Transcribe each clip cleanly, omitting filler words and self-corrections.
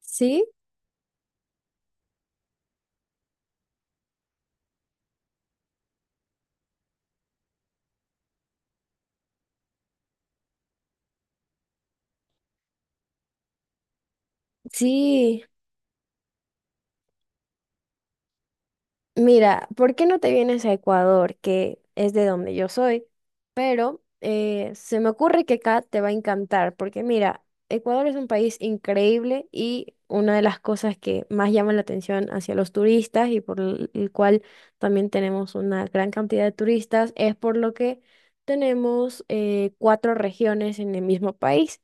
Sí, sí. Mira, ¿por qué no te vienes a Ecuador, que es de donde yo soy? Pero se me ocurre que acá te va a encantar, porque mira, Ecuador es un país increíble y una de las cosas que más llaman la atención hacia los turistas y por el cual también tenemos una gran cantidad de turistas es por lo que tenemos cuatro regiones en el mismo país.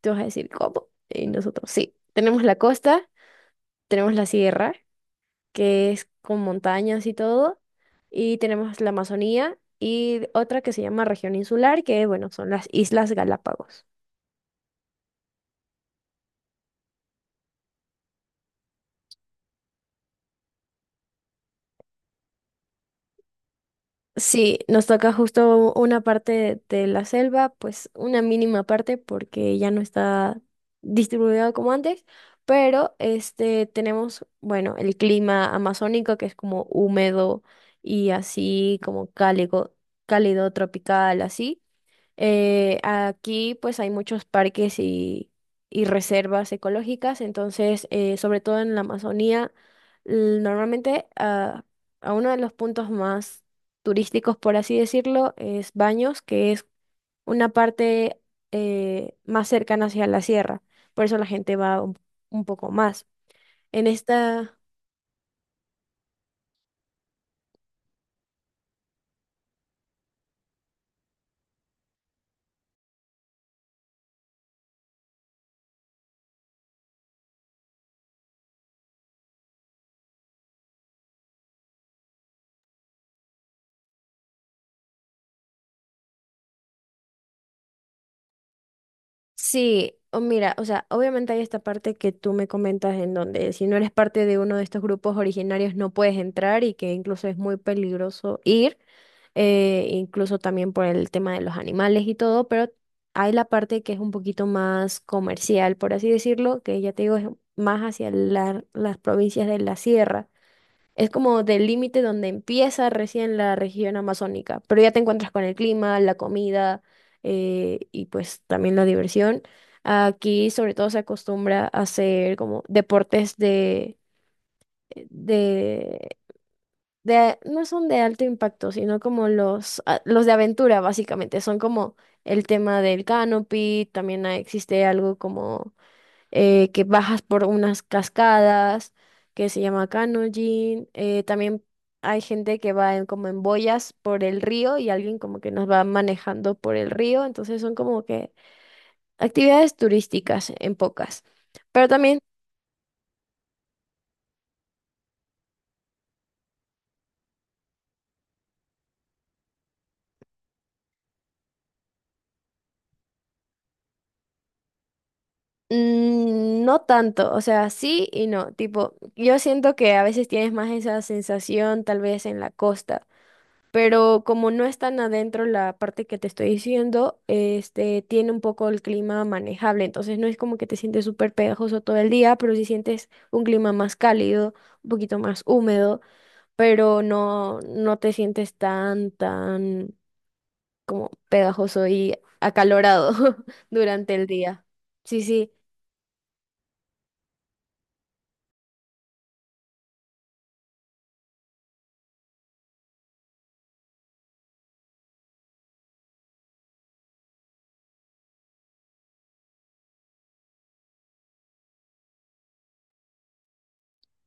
Te vas a decir, ¿cómo? Y nosotros sí, tenemos la costa, tenemos la sierra, que es con montañas y todo. Y tenemos la Amazonía y otra que se llama región insular, que bueno, son las Islas Galápagos. Sí, nos toca justo una parte de la selva, pues una mínima parte porque ya no está distribuido como antes, pero este tenemos, bueno, el clima amazónico que es como húmedo y así como cálido, cálido tropical, así. Aquí pues hay muchos parques y reservas ecológicas, entonces sobre todo en la Amazonía, normalmente a uno de los puntos más turísticos, por así decirlo, es Baños, que es una parte más cercana hacia la sierra, por eso la gente va un poco más. En esta... Sí, o mira, o sea, obviamente hay esta parte que tú me comentas en donde si no eres parte de uno de estos grupos originarios no puedes entrar y que incluso es muy peligroso ir, incluso también por el tema de los animales y todo, pero hay la parte que es un poquito más comercial, por así decirlo, que ya te digo, es más hacia las provincias de la sierra. Es como del límite donde empieza recién la región amazónica, pero ya te encuentras con el clima, la comida y pues también la diversión. Aquí sobre todo se acostumbra a hacer como deportes de, no son de alto impacto, sino como los, los de aventura básicamente. Son como el tema del canopy, también existe algo como que bajas por unas cascadas que se llama canyoning. También hay gente que va en, como en boyas por el río y alguien como que nos va manejando por el río. Entonces son como que actividades turísticas en pocas. Pero también no tanto, o sea, sí y no. Tipo, yo siento que a veces tienes más esa sensación tal vez en la costa, pero como no es tan adentro la parte que te estoy diciendo, este, tiene un poco el clima manejable, entonces no es como que te sientes súper pegajoso todo el día, pero sí sientes un clima más cálido, un poquito más húmedo, pero no, no te sientes tan, tan como pegajoso y acalorado durante el día. Sí, sí,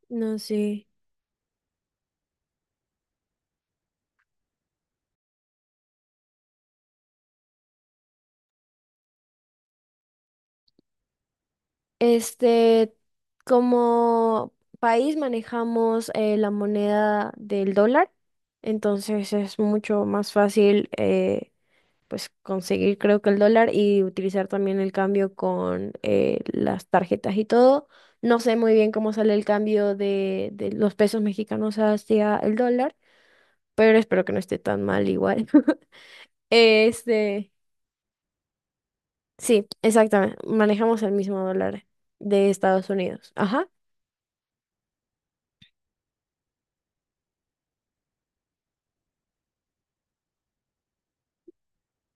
no sé. Este, como país manejamos la moneda del dólar, entonces es mucho más fácil, pues conseguir creo que el dólar y utilizar también el cambio con las tarjetas y todo. No sé muy bien cómo sale el cambio de los pesos mexicanos hacia el dólar, pero espero que no esté tan mal igual. Este, sí, exactamente, manejamos el mismo dólar de Estados Unidos. Ajá.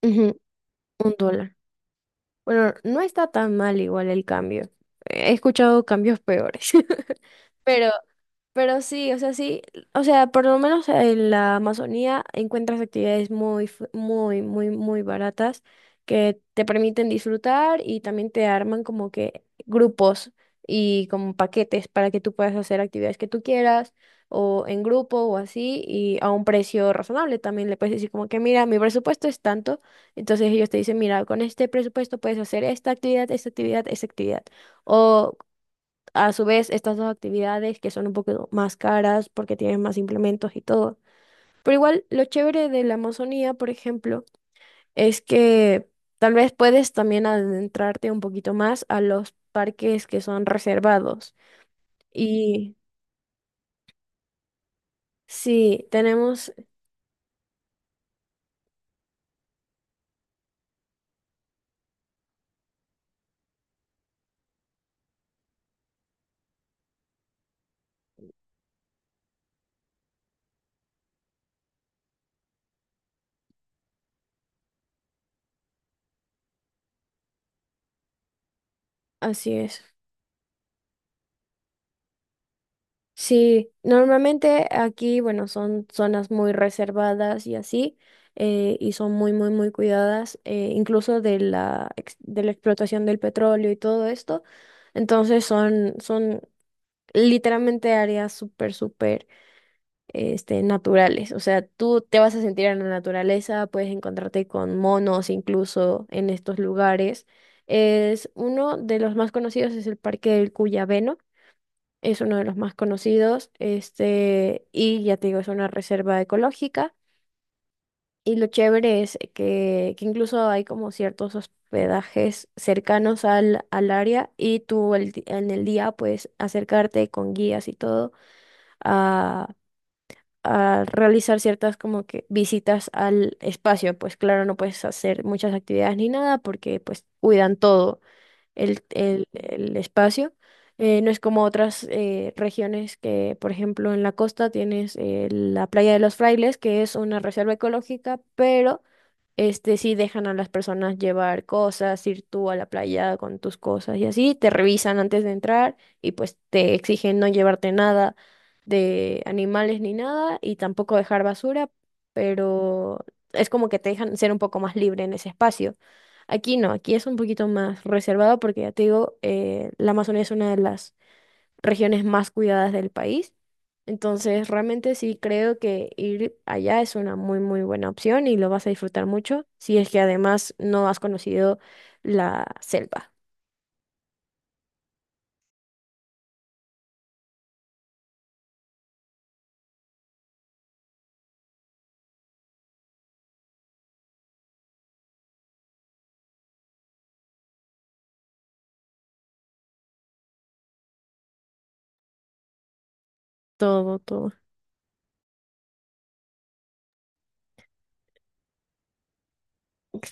Ujú. Un dólar. Bueno, no está tan mal igual el cambio. He escuchado cambios peores. Pero pero sí, o sea, por lo menos en la Amazonía encuentras actividades muy, muy, muy, muy baratas que te permiten disfrutar y también te arman como que grupos y como paquetes para que tú puedas hacer actividades que tú quieras o en grupo o así y a un precio razonable. También le puedes decir como que, mira, mi presupuesto es tanto. Entonces ellos te dicen, mira, con este presupuesto puedes hacer esta actividad, esta actividad, esta actividad. O a su vez, estas dos actividades que son un poco más caras porque tienen más implementos y todo. Pero igual, lo chévere de la Amazonía, por ejemplo, es que tal vez puedes también adentrarte un poquito más a los parques que son reservados. Y sí, tenemos, así es. Sí, normalmente aquí, bueno, son zonas muy reservadas y así, y son muy, muy, muy cuidadas, incluso de la, de la explotación del petróleo y todo esto. Entonces son, son literalmente áreas súper, súper, este, naturales. O sea, tú te vas a sentir en la naturaleza, puedes encontrarte con monos incluso en estos lugares. Es uno de los más conocidos es el Parque del Cuyabeno, es uno de los más conocidos, este, y ya te digo, es una reserva ecológica. Y lo chévere es que incluso hay como ciertos hospedajes cercanos al, al área y tú en el día puedes acercarte con guías y todo a, a realizar ciertas como que visitas al espacio. Pues claro, no puedes hacer muchas actividades ni nada porque pues cuidan todo el, el espacio. No es como otras regiones que, por ejemplo, en la costa tienes la Playa de los Frailes, que es una reserva ecológica, pero este sí dejan a las personas llevar cosas, ir tú a la playa con tus cosas y así, te revisan antes de entrar y pues te exigen no llevarte nada de animales ni nada y tampoco dejar basura, pero es como que te dejan ser un poco más libre en ese espacio. Aquí no, aquí es un poquito más reservado porque ya te digo, la Amazonía es una de las regiones más cuidadas del país. Entonces, realmente sí creo que ir allá es una muy, muy buena opción y lo vas a disfrutar mucho si es que además no has conocido la selva. Todo, todo.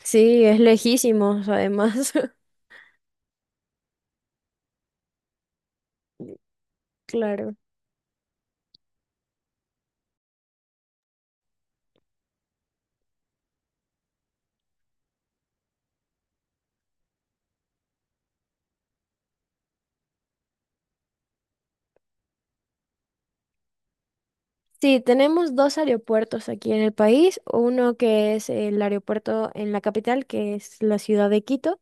Sí, es lejísimos, además. Claro. Sí, tenemos dos aeropuertos aquí en el país. Uno que es el aeropuerto en la capital, que es la ciudad de Quito,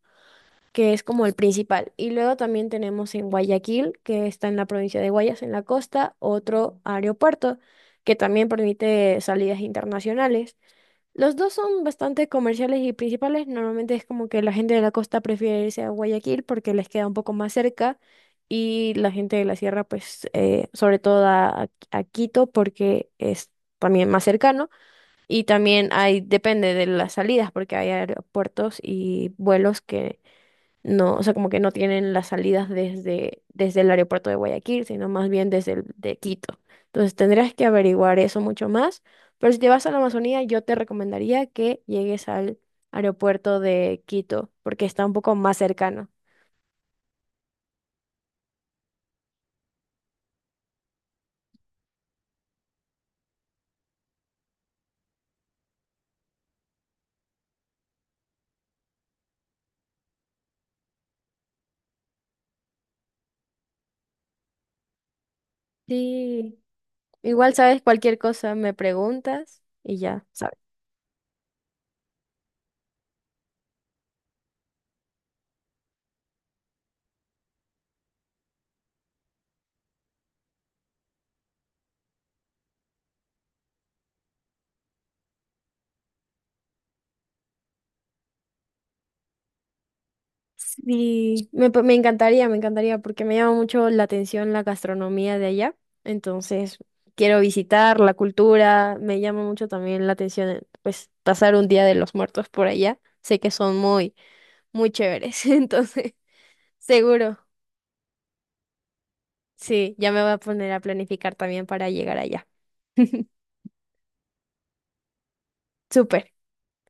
que es como el principal. Y luego también tenemos en Guayaquil, que está en la provincia de Guayas, en la costa, otro aeropuerto que también permite salidas internacionales. Los dos son bastante comerciales y principales. Normalmente es como que la gente de la costa prefiere irse a Guayaquil porque les queda un poco más cerca y la gente de la sierra, pues, sobre todo a Quito porque es también más cercano. Y también hay, depende de las salidas porque hay aeropuertos y vuelos que no, o sea, como que no tienen las salidas desde, desde el aeropuerto de Guayaquil, sino más bien desde el de Quito. Entonces tendrías que averiguar eso mucho más. Pero si te vas a la Amazonía, yo te recomendaría que llegues al aeropuerto de Quito, porque está un poco más cercano. Sí, igual sabes cualquier cosa, me preguntas y ya. Sí, me, me encantaría, porque me llama mucho la atención la gastronomía de allá. Entonces, quiero visitar la cultura, me llama mucho también la atención, pues, pasar un día de los muertos por allá. Sé que son muy, muy chéveres, entonces, seguro. Sí, ya me voy a poner a planificar también para llegar allá. Súper.